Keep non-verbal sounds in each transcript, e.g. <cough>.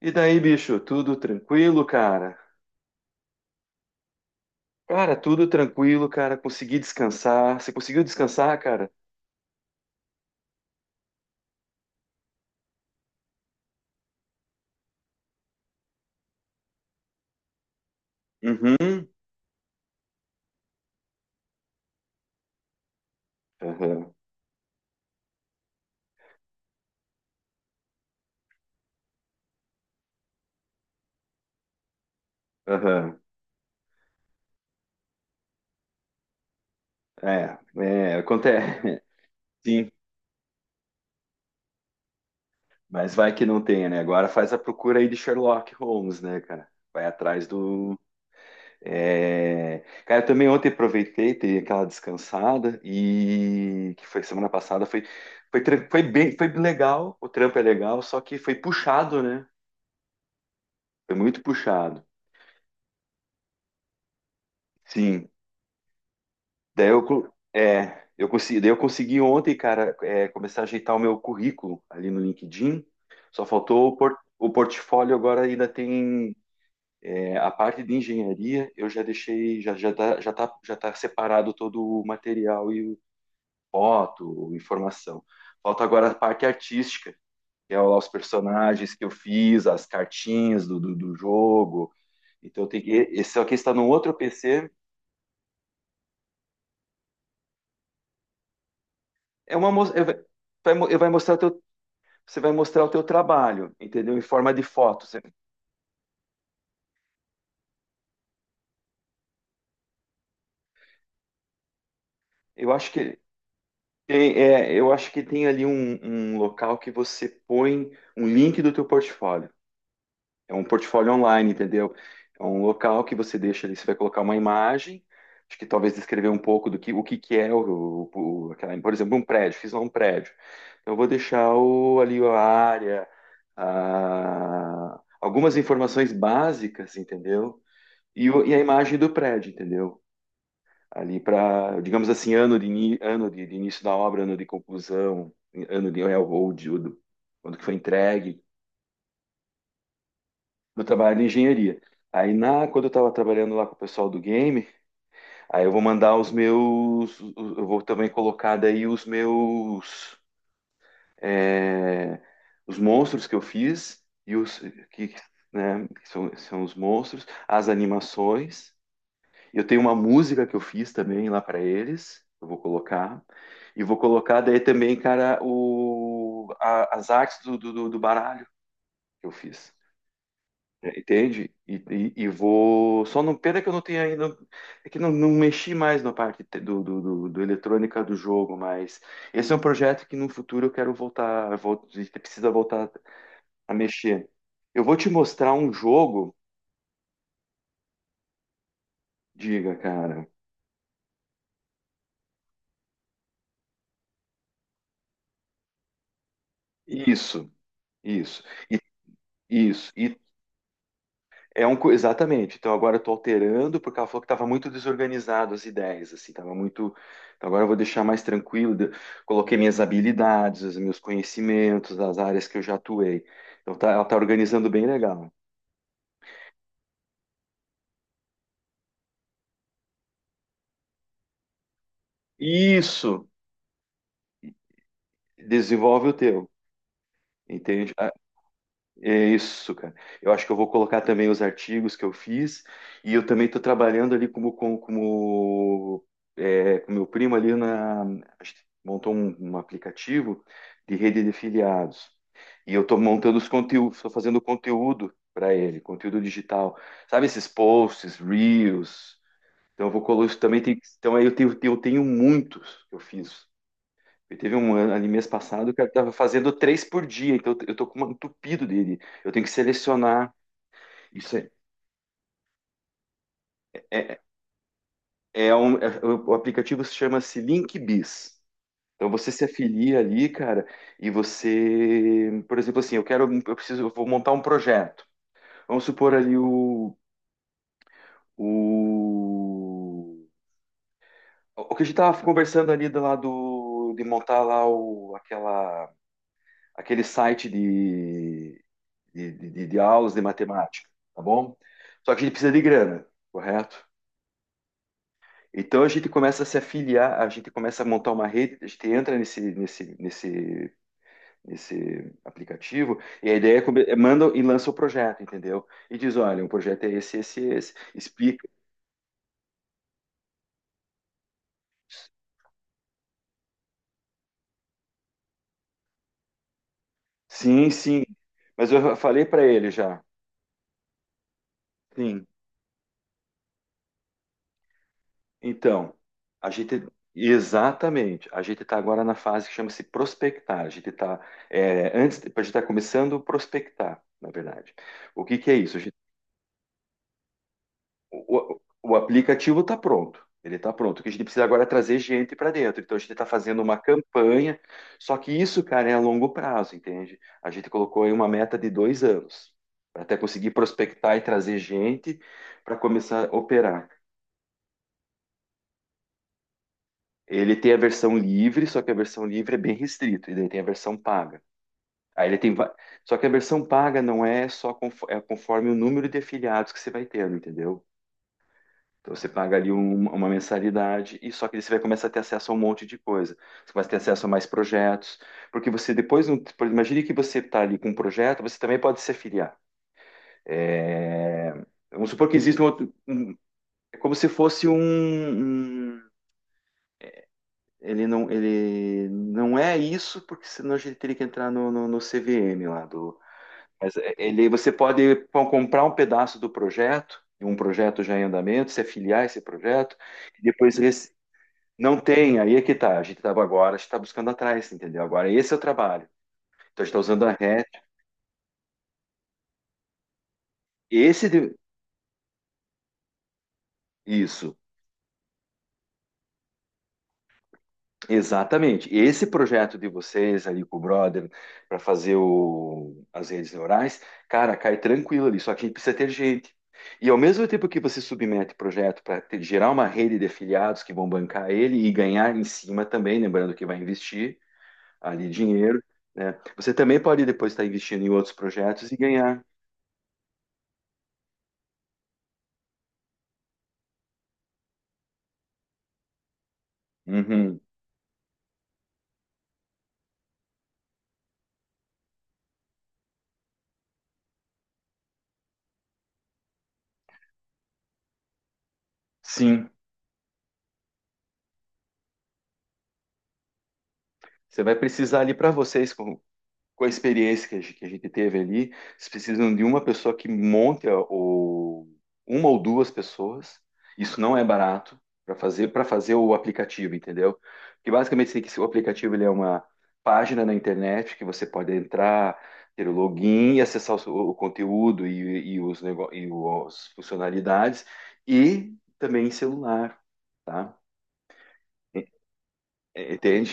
E daí, bicho, tudo tranquilo, cara? Cara, tudo tranquilo, cara. Consegui descansar. Você conseguiu descansar, cara? Uhum. Aham, aham. É, é, acontece. <laughs> Sim, mas vai que não tenha, né? Agora faz a procura aí de Sherlock Holmes, né, cara? Vai atrás do. É... Cara, eu também ontem aproveitei, dei aquela descansada e que foi semana passada, foi, foi bem, foi legal, o trampo é legal, só que foi puxado, né? Foi muito puxado. Sim. Daí eu consegui ontem, cara, começar a ajeitar o meu currículo ali no LinkedIn. Só faltou o, o portfólio agora ainda tem a parte de engenharia, eu já deixei, já tá separado todo o material e o foto, informação. Falta agora a parte artística, que é lá os personagens que eu fiz, as cartinhas do jogo. Então tem que, esse aqui está no outro PC. É uma, mo- é- vai, vai mostrar Você vai mostrar o teu trabalho, entendeu? Em forma de foto. Eu acho que tem, é, eu acho que tem ali um local que você põe um link do teu portfólio. É um portfólio online, entendeu? É um local que você deixa ali, você vai colocar uma imagem, acho que talvez descrever um pouco do que o que que é o, aquela, por exemplo, um prédio, fiz lá um prédio. Então eu vou deixar o, ali a área, algumas informações básicas, entendeu? E a imagem do prédio, entendeu? Ali para, digamos assim, ano de início da obra, ano de conclusão, ano de railroad, quando que foi entregue, meu trabalho de engenharia. Aí quando eu estava trabalhando lá com o pessoal do game, aí eu vou mandar os meus, eu vou também colocar daí os meus, é, os monstros que eu fiz e os que, né, que são os monstros, as animações. Eu tenho uma música que eu fiz também lá para eles, eu vou colocar. E vou colocar daí também, cara, o, as artes do baralho que eu fiz. É, entende? E vou. Só não. Pena que eu não tenho ainda. É que não mexi mais na parte do eletrônica do jogo, mas esse é um projeto que no futuro eu quero voltar. A gente precisa voltar a mexer. Eu vou te mostrar um jogo, diga, cara. Isso, isso. E, isso. E exatamente. Então agora eu estou alterando porque ela falou que estava muito desorganizado as ideias, assim, estava muito. Então agora eu vou deixar mais tranquilo. Coloquei minhas habilidades, os meus conhecimentos, as áreas que eu já atuei. Então tá, ela está organizando bem legal. Isso desenvolve o teu, entende? É isso, cara. Eu acho que eu vou colocar também os artigos que eu fiz e eu também estou trabalhando ali como com como, com meu primo ali na a gente montou um aplicativo de rede de filiados e eu estou montando os conteúdos, estou fazendo conteúdo para ele, conteúdo digital, sabe esses posts, reels. Então eu vou colocar isso também tem, então aí eu tenho muitos que eu fiz. Eu teve um ano ali mês passado que eu estava fazendo três por dia, então eu tô com um entupido dele. Eu tenho que selecionar. Isso é, é, o aplicativo se chama-se LinkBiz. Então você se afilia ali, cara, e você, por exemplo, assim, eu quero, eu preciso, eu vou montar um projeto. Vamos supor ali o, o que a gente tava conversando ali do lado de montar lá aquele site de de aulas de matemática, tá bom? Só que a gente precisa de grana, correto? Então a gente começa a se afiliar, a gente começa a montar uma rede, a gente entra nesse aplicativo e a ideia é, manda e lança o projeto, entendeu? E diz, olha, o projeto é esse, esse, esse, explica. Sim, sim. Mas eu falei para ele já. Sim. Então, a gente a gente está agora na fase que chama-se prospectar. A gente está começando a prospectar, na verdade. O que que é isso? O, o- o aplicativo está pronto. Ele está pronto. O que a gente precisa agora é trazer gente para dentro. Então a gente está fazendo uma campanha. Só que isso, cara, é a longo prazo, entende? A gente colocou aí uma meta de 2 anos para até conseguir prospectar e trazer gente para começar a operar. Ele tem a versão livre, só que a versão livre é bem restrito, e daí tem a versão paga. Aí ele tem, va- só que a versão paga não é só conforme o número de afiliados que você vai tendo, entendeu? Então você paga ali uma mensalidade e só que daí você vai começar a ter acesso a um monte de coisa. Você vai ter acesso a mais projetos, porque você depois, imagine que você está ali com um projeto, você também pode se afiliar. É, vamos supor que existe um outro, é como se fosse um. Ele não é isso, porque senão a gente teria que entrar no, no CVM lá do. Mas é, ele, você pode comprar um pedaço do projeto, um projeto já em andamento, se afiliar a esse projeto, e depois rece- não tem, aí é que tá. A gente está buscando atrás, entendeu? Agora esse é o trabalho. Então a gente está usando a RET. Esse de- isso. Exatamente. Esse projeto de vocês ali com o brother para fazer as redes neurais, cara, cai tranquilo ali, só que a gente precisa ter gente. E ao mesmo tempo que você submete o projeto para gerar uma rede de afiliados que vão bancar ele e ganhar em cima também, lembrando que vai investir ali dinheiro, né? Você também pode depois estar investindo em outros projetos e ganhar. Uhum. Sim, você vai precisar ali para vocês, com a experiência que a gente teve ali, vocês precisam de uma pessoa que monte uma ou duas pessoas. Isso não é barato para fazer o aplicativo, entendeu? Porque basicamente você tem que o aplicativo ele é uma página na internet que você pode entrar, ter o login e acessar o conteúdo e os nego, e as funcionalidades e também em celular, tá? E- Entende?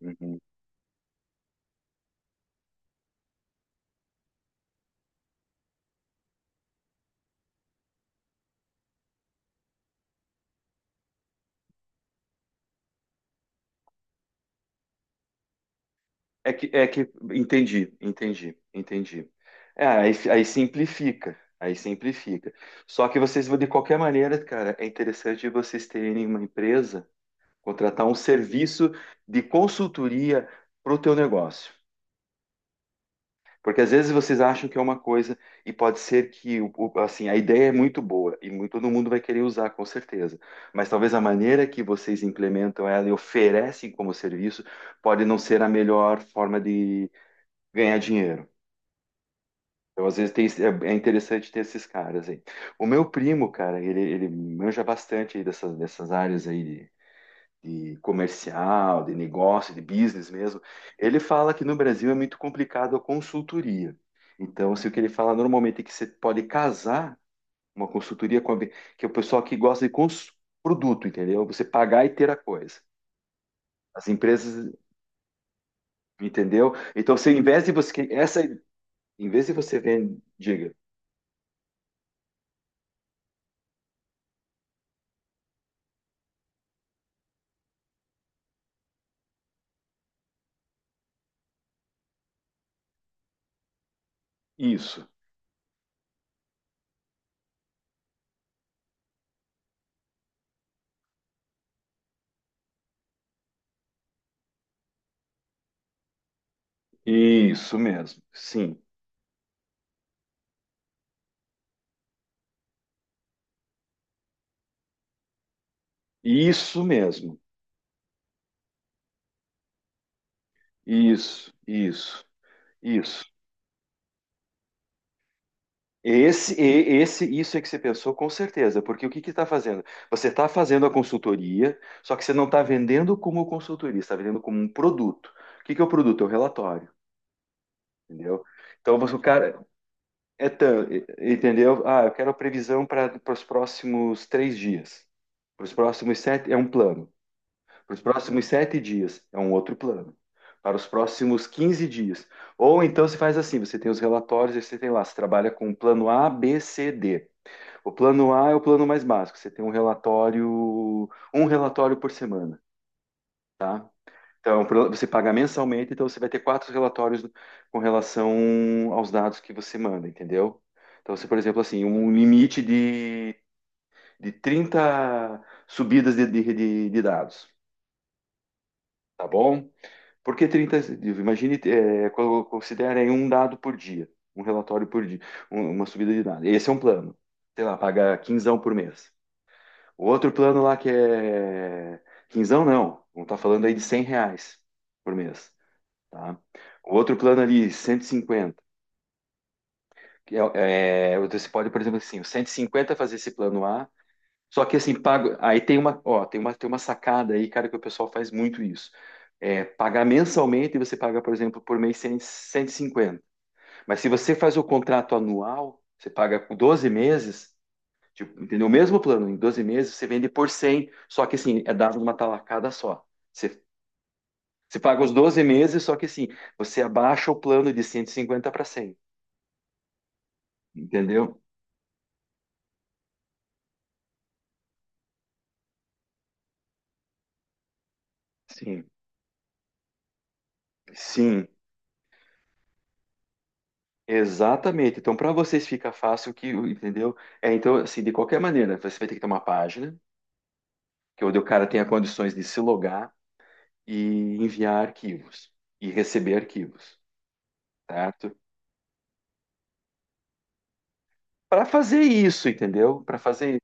Uhum. É que entendi, entendi, entendi. É, aí simplifica. Só que vocês, de qualquer maneira, cara, é interessante vocês terem uma empresa, contratar um serviço de consultoria para o teu negócio. Porque às vezes vocês acham que é uma coisa e pode ser que, assim, a ideia é muito boa e todo mundo vai querer usar, com certeza. Mas talvez a maneira que vocês implementam ela e oferecem como serviço pode não ser a melhor forma de ganhar dinheiro. Então, às vezes tem, esse- é é interessante ter esses caras aí. O meu primo, cara, ele manja bastante aí dessas áreas aí de comercial, de negócio, de business mesmo. Ele fala que no Brasil é muito complicado a consultoria. Então, assim, o que ele fala normalmente é que você pode casar uma consultoria com que é o pessoal que gosta de produto, entendeu? Você pagar e ter a coisa. As empresas, entendeu? Então, você, em vez de você, essa, em vez de você vender, diga, isso. Isso mesmo, sim. Isso mesmo. Isso, isso, isso. Isso é que você pensou com certeza, porque o que que está fazendo? Você está fazendo a consultoria, só que você não está vendendo como consultoria, está vendendo como um produto. O que que é o produto? É o relatório, entendeu? Então você, o cara, é tan- entendeu? Ah, eu quero a previsão para os próximos 3 dias, para os próximos sete, é um plano. Para os próximos 7 dias é um outro plano. Para os próximos 15 dias. Ou então você faz assim: você tem os relatórios, aí você tem lá, você trabalha com o plano A, B, C, D. O plano A é o plano mais básico, você tem um relatório por semana, tá? Então, você paga mensalmente, então você vai ter quatro relatórios com relação aos dados que você manda, entendeu? Então, você, por exemplo, assim, um limite de 30 subidas de dados, tá bom? Por que 30 dias? Imagine, considerem um dado por dia, um relatório por dia, uma subida de dado. Esse é um plano. Sei lá, paga quinzão por mês. O outro plano lá que é... Quinzão não, não tá falando aí de 100 reais por mês, tá? O outro plano ali, cento e cinquenta. Que é, você pode, por exemplo, assim, o 150 fazer esse plano A, só que assim, pago, aí tem uma, ó, tem uma sacada aí, cara, que o pessoal faz muito isso. É, pagar mensalmente, e você paga, por exemplo, por mês cem, cento e cinquenta. Mas se você faz o contrato anual, você paga com 12 meses, tipo, entendeu? O mesmo plano, em 12 meses você vende por cem, só que assim, é dado numa talacada só. Você, você paga os 12 meses, só que assim, você abaixa o plano de 150 para cem, entendeu? Sim, sim. Exatamente. Então, para vocês fica fácil, que, entendeu? É, então, assim, de qualquer maneira, você vai ter que ter uma página que é onde o cara tenha condições de se logar e enviar arquivos e receber arquivos, certo? Para fazer isso, entendeu? Para fazer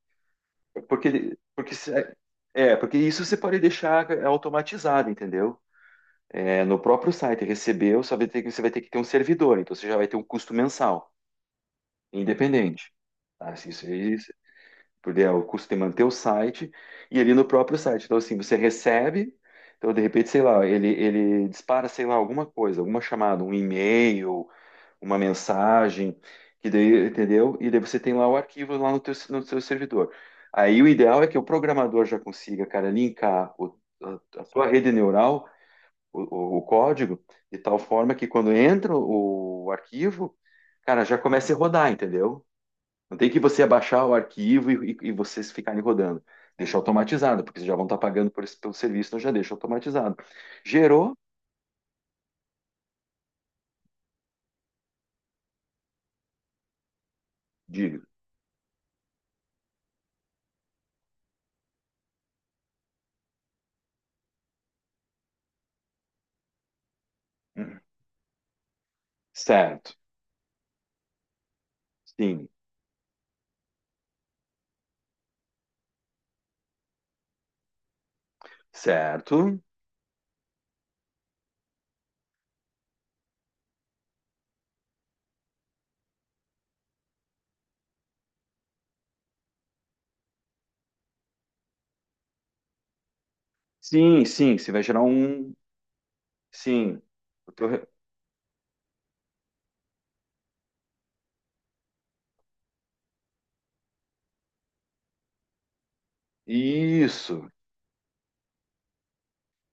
porque porque se- é, é, porque isso você pode deixar automatizado, entendeu? É, no próprio site recebeu, você vai ter que ter um servidor, então você já vai ter um custo mensal, independente. Tá? Isso, porque é o custo de manter o site e ali no próprio site. Então, assim, você recebe, então de repente, sei lá, ele dispara, sei lá, alguma coisa, alguma chamada, um e-mail, uma mensagem, que daí, entendeu? E daí você tem lá o arquivo lá no teu, no seu servidor. Aí o ideal é que o programador já consiga, cara, linkar a sua rede neural, o código, de tal forma que quando entra o arquivo, cara, já comece a rodar, entendeu? Não tem que você abaixar o arquivo e vocês ficarem rodando. Deixa automatizado, porque vocês já vão estar pagando por pelo serviço, então já deixa automatizado. Gerou? Diga. Hum. Certo. Sim. Certo. Sim, sim. Você vai gerar um. Sim. Eu tô re- Isso.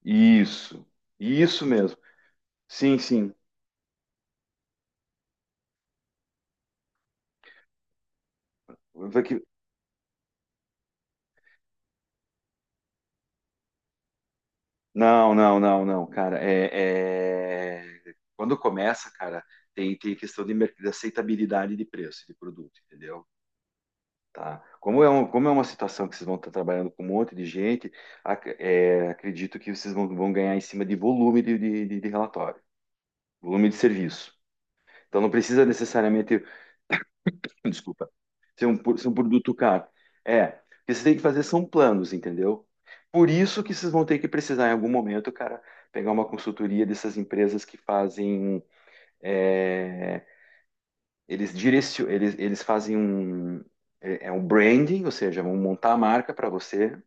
Isso. Isso mesmo. Sim, sim. Vai que… Não, não, não, não, cara. Quando começa, cara, tem, tem questão de, de aceitabilidade de preço de produto, entendeu? Tá? Como é uma situação que vocês vão estar trabalhando com um monte de gente, acredito que vocês vão, vão ganhar em cima de volume de, de relatório, volume de serviço. Então não precisa necessariamente, <coughs> <clears throat> desculpa, ser um, ser um produto caro. É, o que vocês têm que fazer são planos, entendeu? Por isso que vocês vão ter que precisar em algum momento, cara, pegar uma consultoria dessas empresas que fazem, é, eles fazem um, é um branding, ou seja, vão montar a marca para você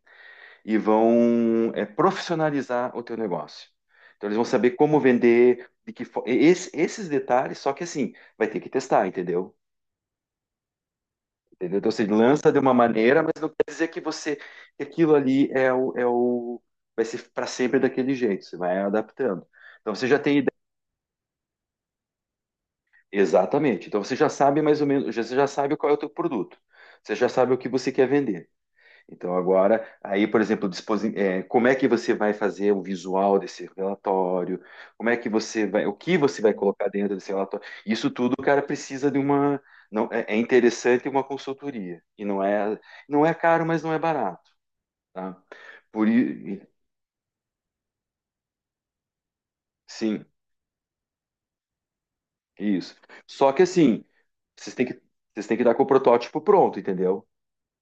e vão, é, profissionalizar o teu negócio. Então eles vão saber como vender, de que fo- esse- esses detalhes, só que assim, vai ter que testar, entendeu? Entendeu? Então você lança de uma maneira, mas não quer dizer que você que aquilo ali é o, é o vai ser para sempre daquele jeito, você vai adaptando. Então você já tem ideia. Exatamente. Então você já sabe mais ou menos, você já sabe qual é o teu produto. Você já sabe o que você quer vender. Então, agora, aí, por exemplo, como é que você vai fazer o visual desse relatório? Como é que o que você vai colocar dentro desse relatório? Isso tudo, cara, precisa de uma, não, é interessante uma consultoria e não é, não é caro, mas não é barato, tá? Por i- sim, isso. Só que assim, vocês têm que, vocês têm que dar com o protótipo pronto, entendeu?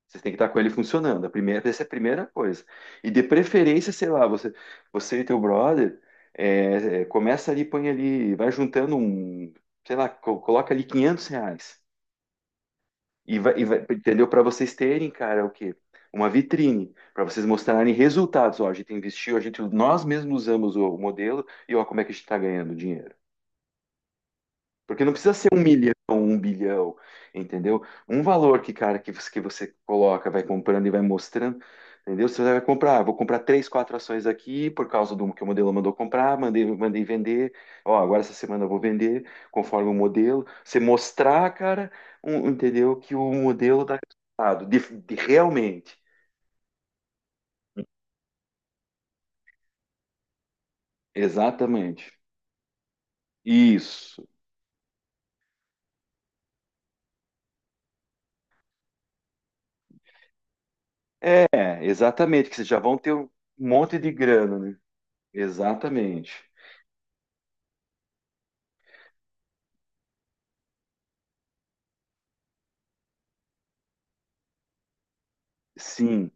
Vocês têm que estar com ele funcionando. Essa é a primeira coisa. E de preferência, sei lá, você e teu brother, começa ali, põe ali, vai juntando um, sei lá, coloca ali 500 reais. E entendeu? Para vocês terem, cara, o quê? Uma vitrine, para vocês mostrarem resultados. Ó, a gente investiu, a gente, nós mesmos usamos o modelo e ó, como é que a gente está ganhando dinheiro. Porque não precisa ser um milhão, um bilhão, entendeu? Um valor que, cara, que você coloca, vai comprando e vai mostrando, entendeu? Você vai comprar, ah, vou comprar três, quatro ações aqui por causa do que o modelo mandou comprar, mandei vender, ó, agora essa semana eu vou vender conforme o modelo. Você mostrar, cara, entendeu? Que o modelo dá resultado, de realmente. Exatamente. Isso. É, exatamente, que vocês já vão ter um monte de grana, né? Exatamente. Sim.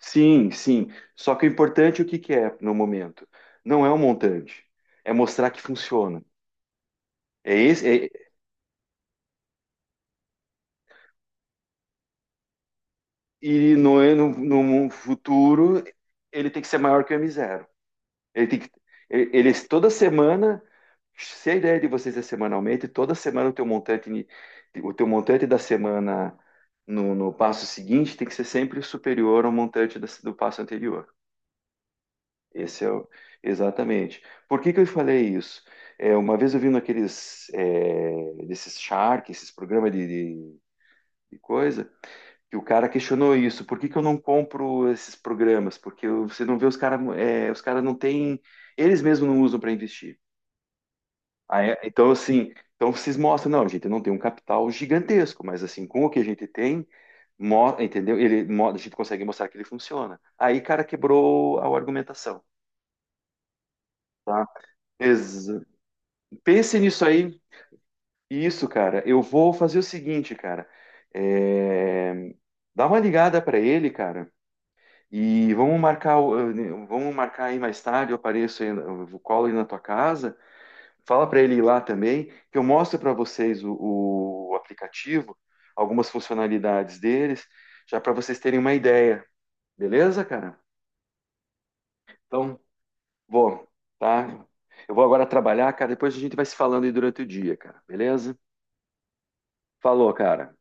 Sim, sim. Só que o importante, é o que que é no momento? Não é o montante, é mostrar que funciona. É esse, é- e no, no, no futuro ele tem que ser maior que o M0. Ele tem que, toda semana, se a ideia de vocês é semanalmente, toda semana o teu montante da semana no, no passo seguinte tem que ser sempre superior ao montante do passo anterior. Esse é o… Exatamente. Por que que eu falei isso? É, uma vez eu vi naqueles desses Shark, esses programas de coisa, que o cara questionou isso. Por que que eu não compro esses programas? Você não vê os caras não têm, eles mesmos não usam para investir. Ah, é? Então assim, então vocês mostram, não, a gente não tem um capital gigantesco, mas assim, com o que a gente tem, entendeu? A gente consegue mostrar que ele funciona. Aí, cara, quebrou a argumentação. Tá? Pense nisso aí. Isso, cara. Eu vou fazer o seguinte, cara. É, dá uma ligada para ele, cara. E vamos marcar aí mais tarde. Eu apareço aí, eu colo aí na tua casa. Fala para ele ir lá também, que eu mostro para vocês o aplicativo, algumas funcionalidades deles, já para vocês terem uma ideia. Beleza, cara? Então, vou, tá? Eu vou agora trabalhar, cara. Depois a gente vai se falando aí durante o dia, cara. Beleza? Falou, cara.